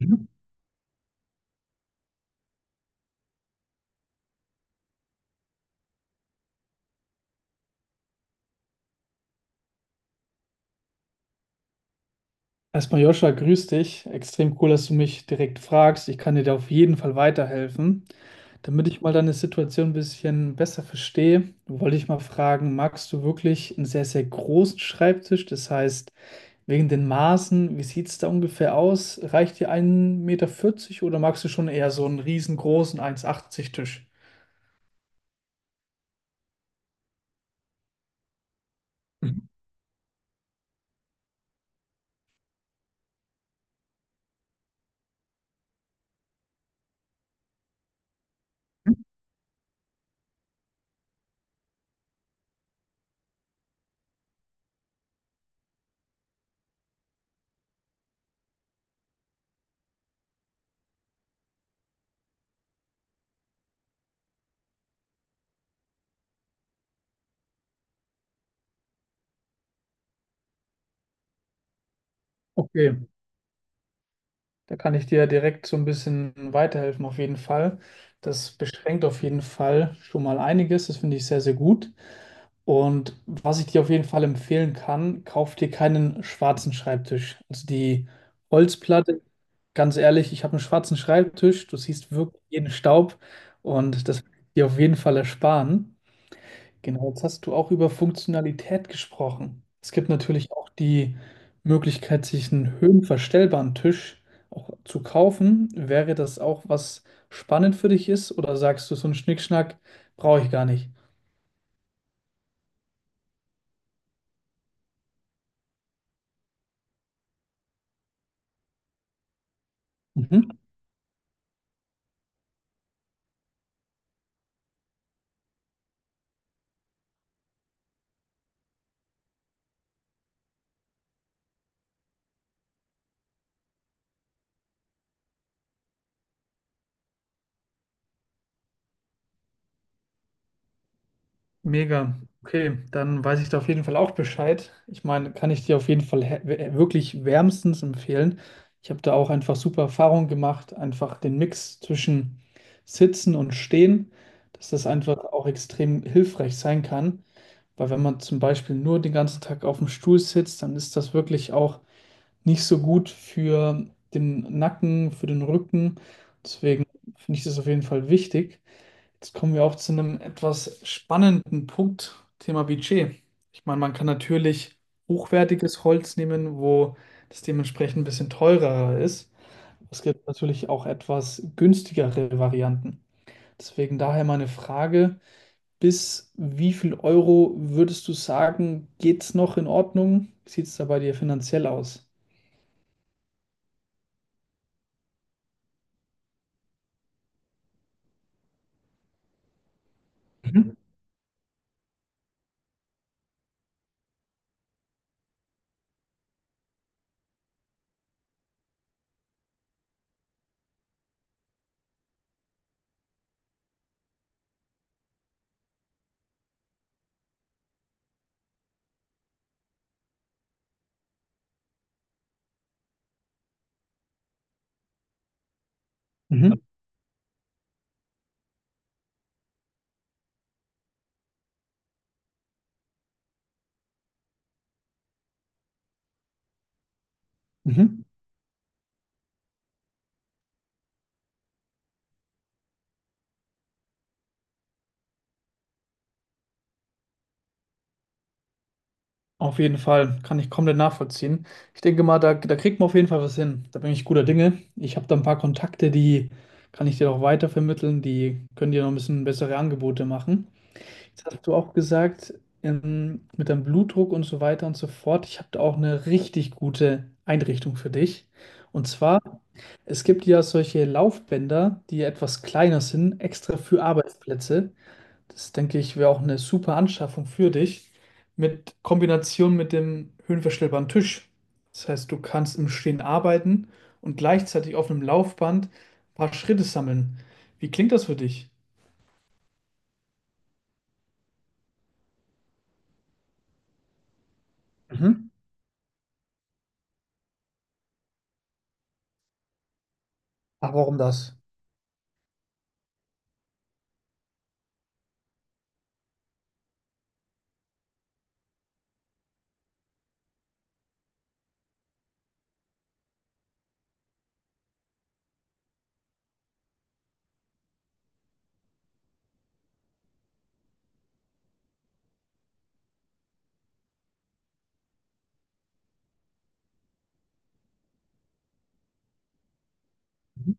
Mhm. Erstmal Joscha, grüß dich. Extrem cool, dass du mich direkt fragst. Ich kann dir da auf jeden Fall weiterhelfen. Damit ich mal deine Situation ein bisschen besser verstehe, wollte ich mal fragen, magst du wirklich einen sehr, sehr großen Schreibtisch? Das heißt, wegen den Maßen, wie sieht es da ungefähr aus? Reicht dir ein Meter vierzig oder magst du schon eher so einen riesengroßen eins Komma achtzig Tisch? Mhm. Okay, da kann ich dir direkt so ein bisschen weiterhelfen, auf jeden Fall. Das beschränkt auf jeden Fall schon mal einiges. Das finde ich sehr, sehr gut. Und was ich dir auf jeden Fall empfehlen kann, kauf dir keinen schwarzen Schreibtisch. Also die Holzplatte, ganz ehrlich, ich habe einen schwarzen Schreibtisch. Du siehst wirklich jeden Staub und das will ich dir auf jeden Fall ersparen. Genau, jetzt hast du auch über Funktionalität gesprochen. Es gibt natürlich auch die Möglichkeit, sich einen höhenverstellbaren Tisch auch zu kaufen. Wäre das auch was spannend für dich ist oder sagst du, so einen Schnickschnack brauche ich gar nicht? Mhm. Mega. Okay, dann weiß ich da auf jeden Fall auch Bescheid. Ich meine, kann ich dir auf jeden Fall wirklich wärmstens empfehlen. Ich habe da auch einfach super Erfahrungen gemacht, einfach den Mix zwischen Sitzen und Stehen, dass das einfach auch extrem hilfreich sein kann. Weil wenn man zum Beispiel nur den ganzen Tag auf dem Stuhl sitzt, dann ist das wirklich auch nicht so gut für den Nacken, für den Rücken. Deswegen finde ich das auf jeden Fall wichtig. Jetzt kommen wir auch zu einem etwas spannenden Punkt, Thema Budget. Ich meine, man kann natürlich hochwertiges Holz nehmen, wo das dementsprechend ein bisschen teurer ist. Es gibt natürlich auch etwas günstigere Varianten. Deswegen daher meine Frage, bis wie viel Euro würdest du sagen, geht's noch in Ordnung? Wie sieht es da bei dir finanziell aus? Mhm. Mhm. Mhm. Auf jeden Fall, kann ich komplett nachvollziehen. Ich denke mal, da, da kriegt man auf jeden Fall was hin. Da bin ich guter Dinge. Ich habe da ein paar Kontakte, die kann ich dir auch weitervermitteln. Die können dir noch ein bisschen bessere Angebote machen. Jetzt hast du auch gesagt, mit deinem Blutdruck und so weiter und so fort. Ich habe da auch eine richtig gute Einrichtung für dich. Und zwar, es gibt ja solche Laufbänder, die etwas kleiner sind, extra für Arbeitsplätze. Das denke ich wäre auch eine super Anschaffung für dich mit Kombination mit dem höhenverstellbaren Tisch. Das heißt, du kannst im Stehen arbeiten und gleichzeitig auf einem Laufband ein paar Schritte sammeln. Wie klingt das für dich? Mhm. Ach, warum das? Mhm.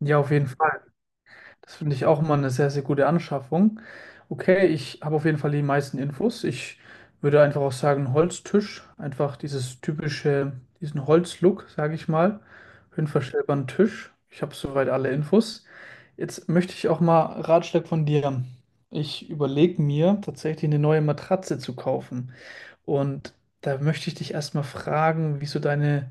Ja, auf jeden Fall. Das finde ich auch mal eine sehr, sehr gute Anschaffung. Okay, ich habe auf jeden Fall die meisten Infos. Ich würde einfach auch sagen, Holztisch. Einfach dieses typische, diesen Holzlook, sage ich mal. Höhenverstellbaren Tisch. Ich habe soweit alle Infos. Jetzt möchte ich auch mal Ratschlag von dir. Ich überlege mir, tatsächlich eine neue Matratze zu kaufen. Und da möchte ich dich erstmal fragen, wie so deine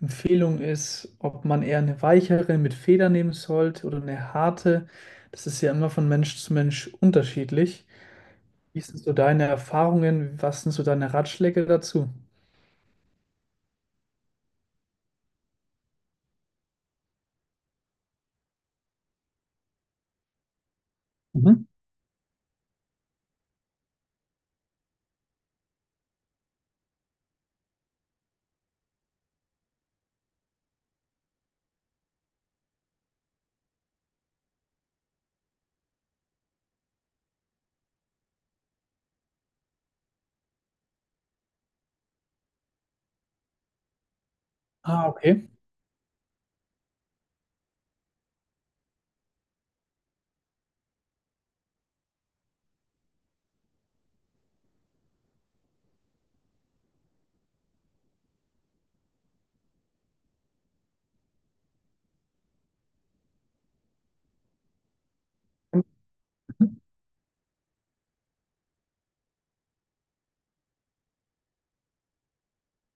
Empfehlung ist, ob man eher eine weichere mit Feder nehmen sollte oder eine harte. Das ist ja immer von Mensch zu Mensch unterschiedlich. Wie sind so deine Erfahrungen? Was sind so deine Ratschläge dazu? Mhm. Ah, okay.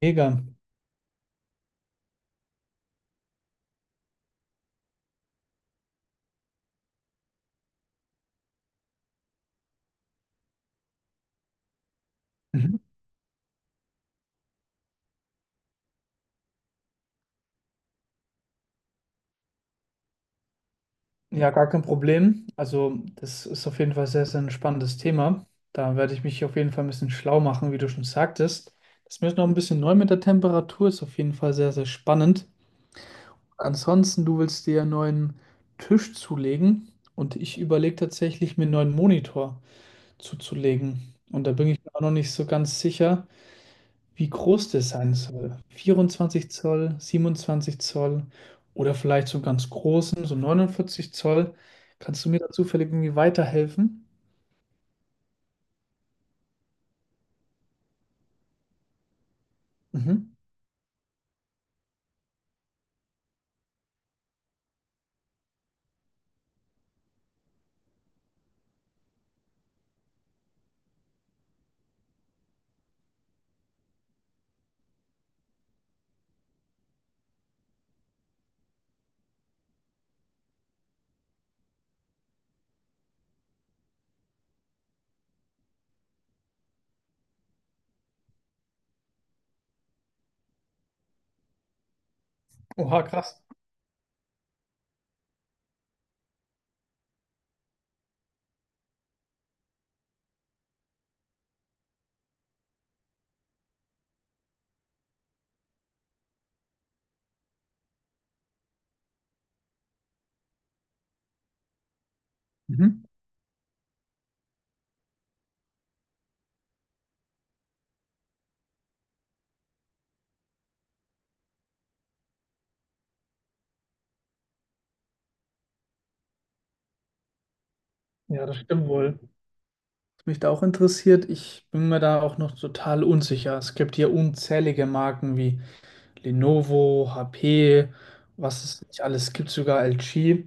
Mega. Mhm. Ja, gar kein Problem. Also, das ist auf jeden Fall sehr, sehr ein spannendes Thema. Da werde ich mich auf jeden Fall ein bisschen schlau machen, wie du schon sagtest. Das ist mir jetzt noch ein bisschen neu mit der Temperatur, ist auf jeden Fall sehr, sehr spannend. Ansonsten, du willst dir einen neuen Tisch zulegen und ich überlege tatsächlich, mir einen neuen Monitor zuzulegen. Und da bin ich mir auch noch nicht so ganz sicher, wie groß das sein soll. 24 Zoll, 27 Zoll oder vielleicht so einen ganz großen, so 49 Zoll. Kannst du mir da zufällig irgendwie weiterhelfen? Mhm. Oha, krass. Mhm. Ja, das stimmt wohl. Was mich da auch interessiert, ich bin mir da auch noch total unsicher. Es gibt hier unzählige Marken wie Lenovo, HP, was es nicht alles gibt, sogar LG.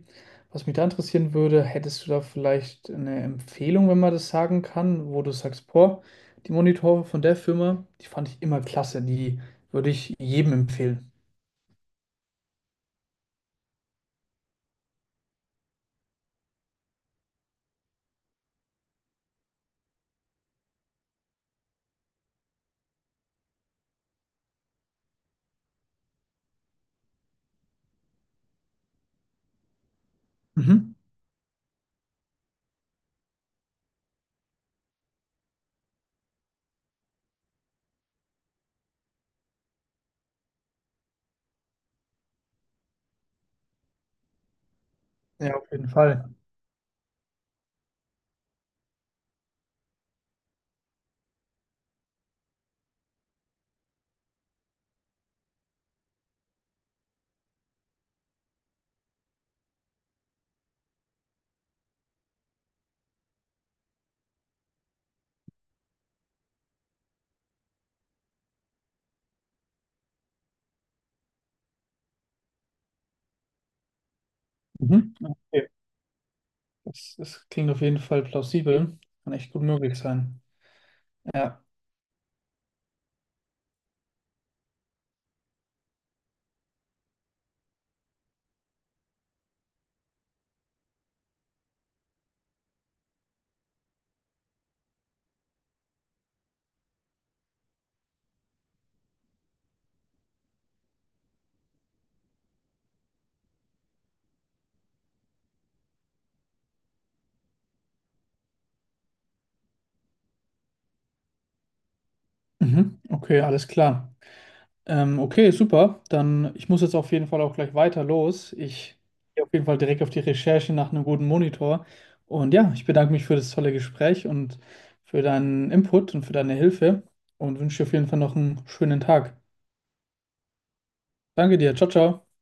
Was mich da interessieren würde, hättest du da vielleicht eine Empfehlung, wenn man das sagen kann, wo du sagst, boah, die Monitore von der Firma, die fand ich immer klasse, die würde ich jedem empfehlen. Mhm. Ja, auf jeden Fall. Mhm. Okay. Das, das klingt auf jeden Fall plausibel. Kann echt gut möglich sein. Ja. Mhm. Okay, alles klar. Okay, super. Dann, ich muss jetzt auf jeden Fall auch gleich weiter los. Ich gehe auf jeden Fall direkt auf die Recherche nach einem guten Monitor. Und ja, ich bedanke mich für das tolle Gespräch und für deinen Input und für deine Hilfe und wünsche dir auf jeden Fall noch einen schönen Tag. Danke dir. Ciao, ciao.